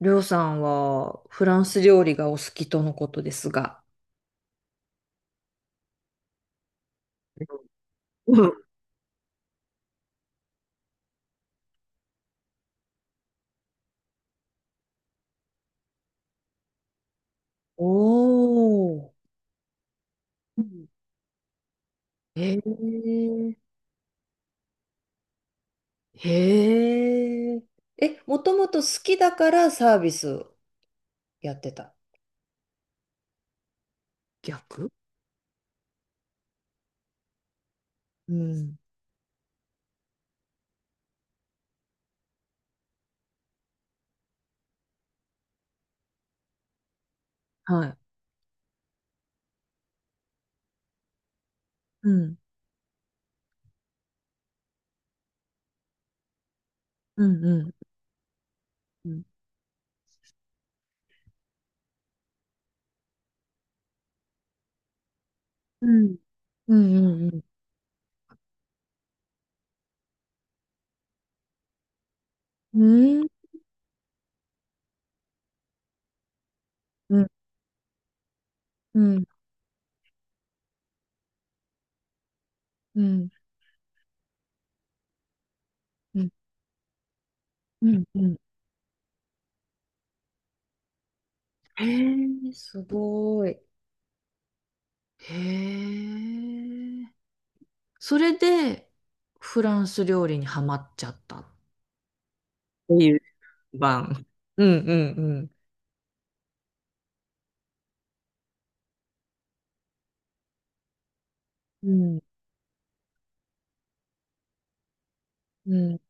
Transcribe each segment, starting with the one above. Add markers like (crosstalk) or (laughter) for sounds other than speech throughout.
りょうさんはフランス料理がお好きとのことですが。おー。へえ。へえ、え、もともと好きだからサービスやってた。逆。うん。はい。うん。うん。うん。うん。うん。うん。うん。うん。うん。うん。うん。うんうん。へえ、すごい。へえ。それで、フランス料理にハマっちゃった。ていう番。うんうんうん、うん、うん、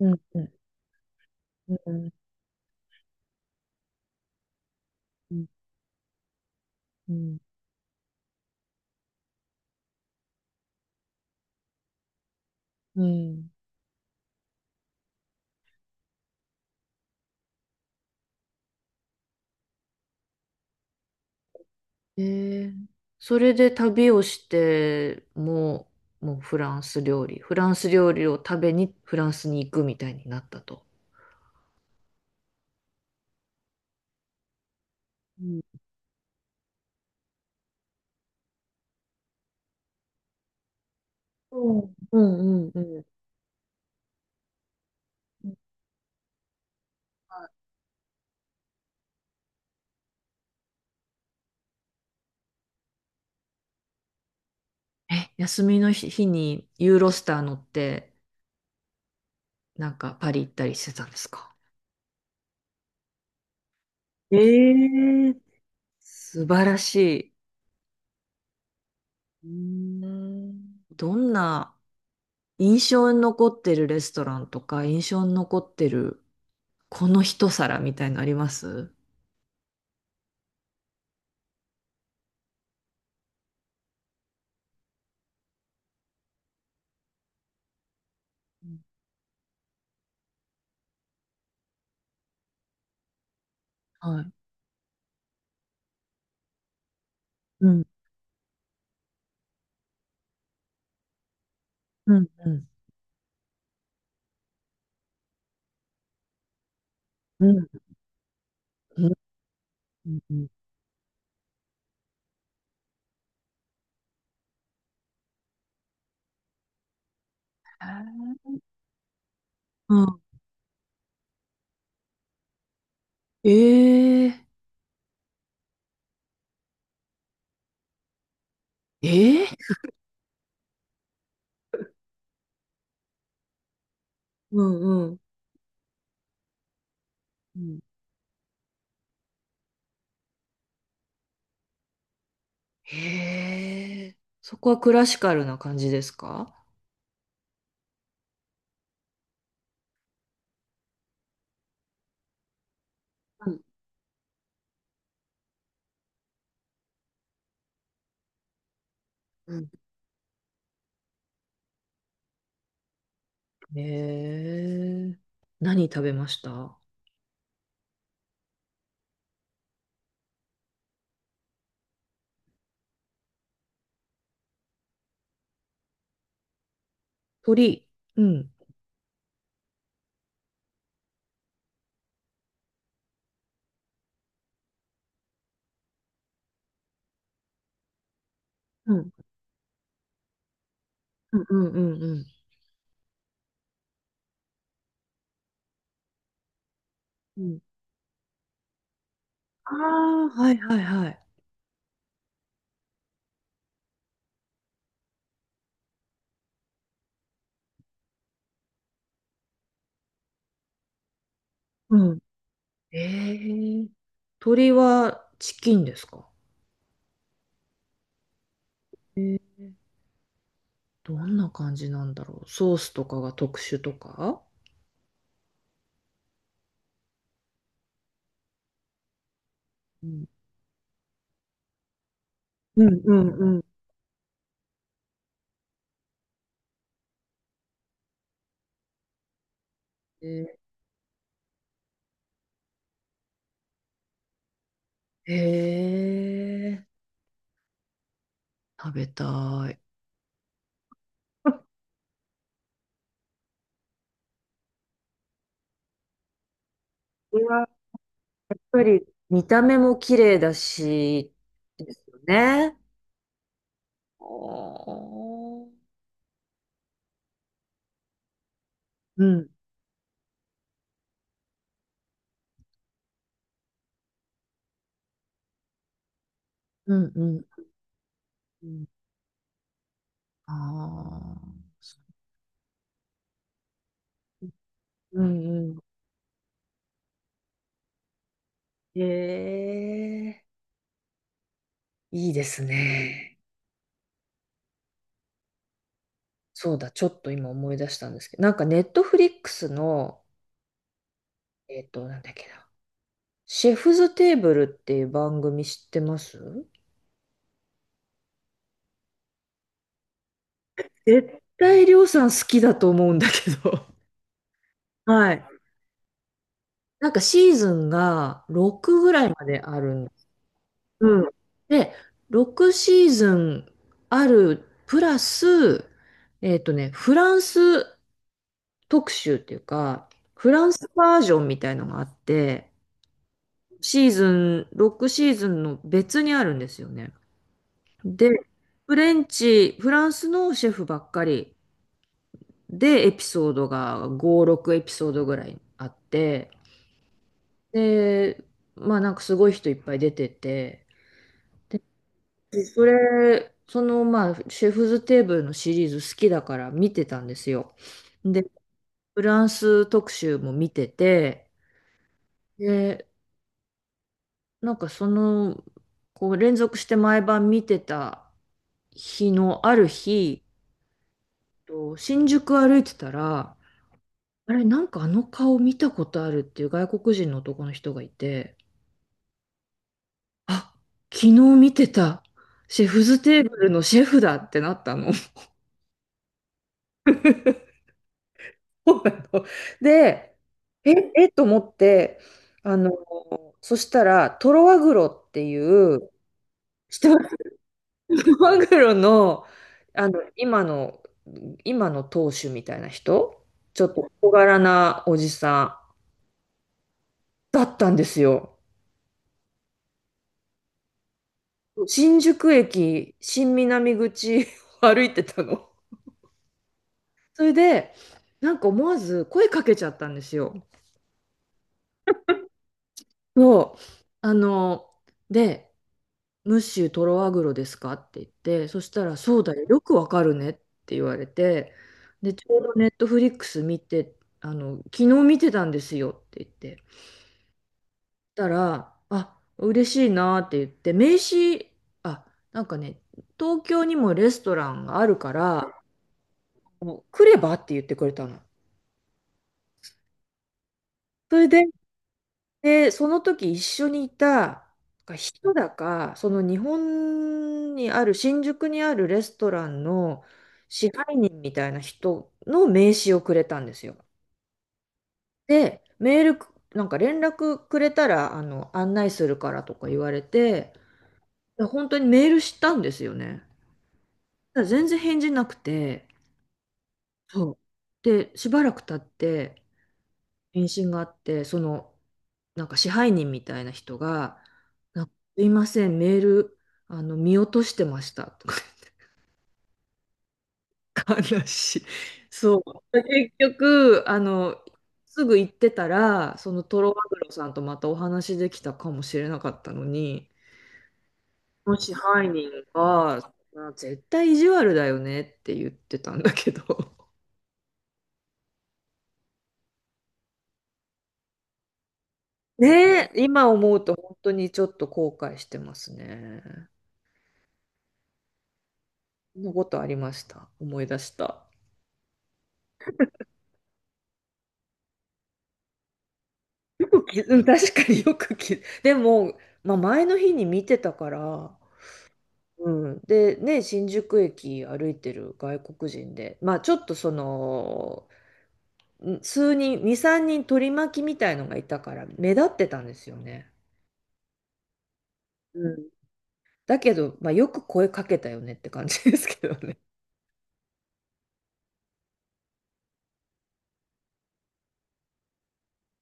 うん、うん、うん、うん。うん。え、それで旅をして、もうフランス料理、フランス料理を食べにフランスに行くみたいになったと。うんうんうんうんうん。え、休みの日にユーロスター乗って、なんかパリ行ったりしてたんですか？ええ、素晴らしい。うーん、どんな印象に残ってるレストランとか、印象に残ってるこの一皿みたいのあります？うん。はい。うん、うん、うん。うん、うん、うん。うんうん。ええ。ええ。うんうん。うん。へえ、そこはクラシカルな感じですか？うんうん。へえ、何食べました？鳥。うん。うん。うんうんうんうん。うん。ああ、はいはいはい。ええ。鶏はチキンですか？えー、どんな感じなんだろう、ソースとかが特殊とか？うんうんうんうん。えー。えー、食べたい。これはやっぱり見た目も綺麗だし、ですよね。おー。うん。うんうんうん。ああ、うんうん。ええ、いいですね。そうだ、ちょっと今思い出したんですけど、なんかネットフリックスの、なんだっけな、シェフズテーブルっていう番組知ってます？絶対りょうさん好きだと思うんだけど。(laughs) はい。なんかシーズンが6ぐらいまであるんです。うん。で、6シーズンあるプラス、フランス特集っていうか、フランスバージョンみたいのがあって、シーズン、6シーズンの別にあるんですよね。で、フレンチ、フランスのシェフばっかりで、エピソードが5、6エピソードぐらいあって、で、まあなんかすごい人いっぱい出てて、で、それ、そのまあ、シェフズテーブルのシリーズ好きだから見てたんですよ。で、フランス特集も見てて、で、なんかその、こう連続して毎晩見てた日のある日、と新宿歩いてたら、あれ、なんかあの顔見たことあるっていう外国人の男の人がいて、あ、昨日見てた、シェフズテーブルのシェフだってなったの。(laughs) で、え、えと思って、あの、そしたら、トロワグロっていう、知ってます？トロワグロの、あの、今の、今の当主みたいな人、ちょっと小柄なおじさん。だったんですよ。新宿駅、新南口を (laughs) 歩いてたの。それで、なんか思わず声かけちゃったんですよ。そう。あの、で、ムッシュトロアグロですかって言って、そしたら、そうだよ、よくわかるねって言われて、で、ちょうどネットフリックス見て、昨日見てたんですよって言って、そしたら、あ、嬉しいなって言って、名刺、あ、なんかね、東京にもレストランがあるから、もう来ればって言ってくれたの。それで、で、その時一緒にいた人だか、その日本にある、新宿にあるレストランの支配人みたいな人の名刺をくれたんですよ。で、メールなんか連絡くれたら、案内するからとか言われて、で本当にメールしたんですよね。ただ全然返事なくて、そう。で、しばらく経って、返信があって、その、なんか支配人みたいな人が、なんかすいません、メール、見落としてました、とか。 (laughs) 悲しい。そう。結局、すぐ行ってたら、そのトロマグロさんとまたお話できたかもしれなかったのに、その支配人が、まあ絶対意地悪だよねって言ってたんだけど。(laughs) ねえ、今思うと本当にちょっと後悔してますね。のことありました。思い出した。よくき、うん、確かによくき、でも、まあ、前の日に見てたから、うん、で、ね、新宿駅歩いてる外国人で、まあ、ちょっとその、数人、2、3人取り巻きみたいのがいたから、目立ってたんですよね。うん。だけど、まあ、よく声かけたよねって感じですけどね。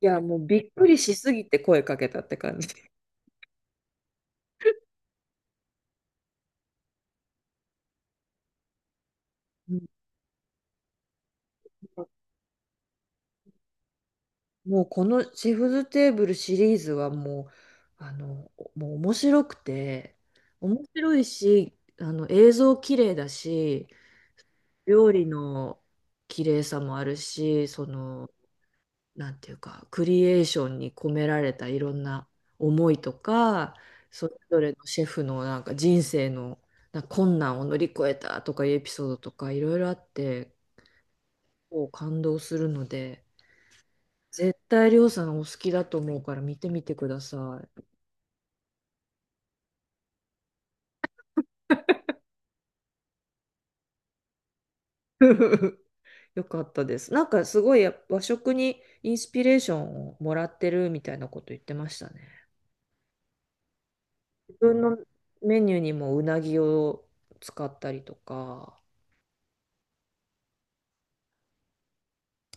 いや、もうびっくりしすぎて声かけたって感じ。うん、もうこのシェフズテーブルシリーズはもう、もう面白くて、面白いし、映像綺麗だし、料理の綺麗さもあるし、その、なんていうか、クリエーションに込められたいろんな思いとか、それぞれのシェフのなんか人生のなんか困難を乗り越えたとかいうエピソードとかいろいろあって、こう感動するので、絶対りょうさんお好きだと思うから見てみてください。(laughs) よかったです。なんかすごいや、和食にインスピレーションをもらってるみたいなこと言ってましたね。自分のメニューにもうなぎを使ったりとか。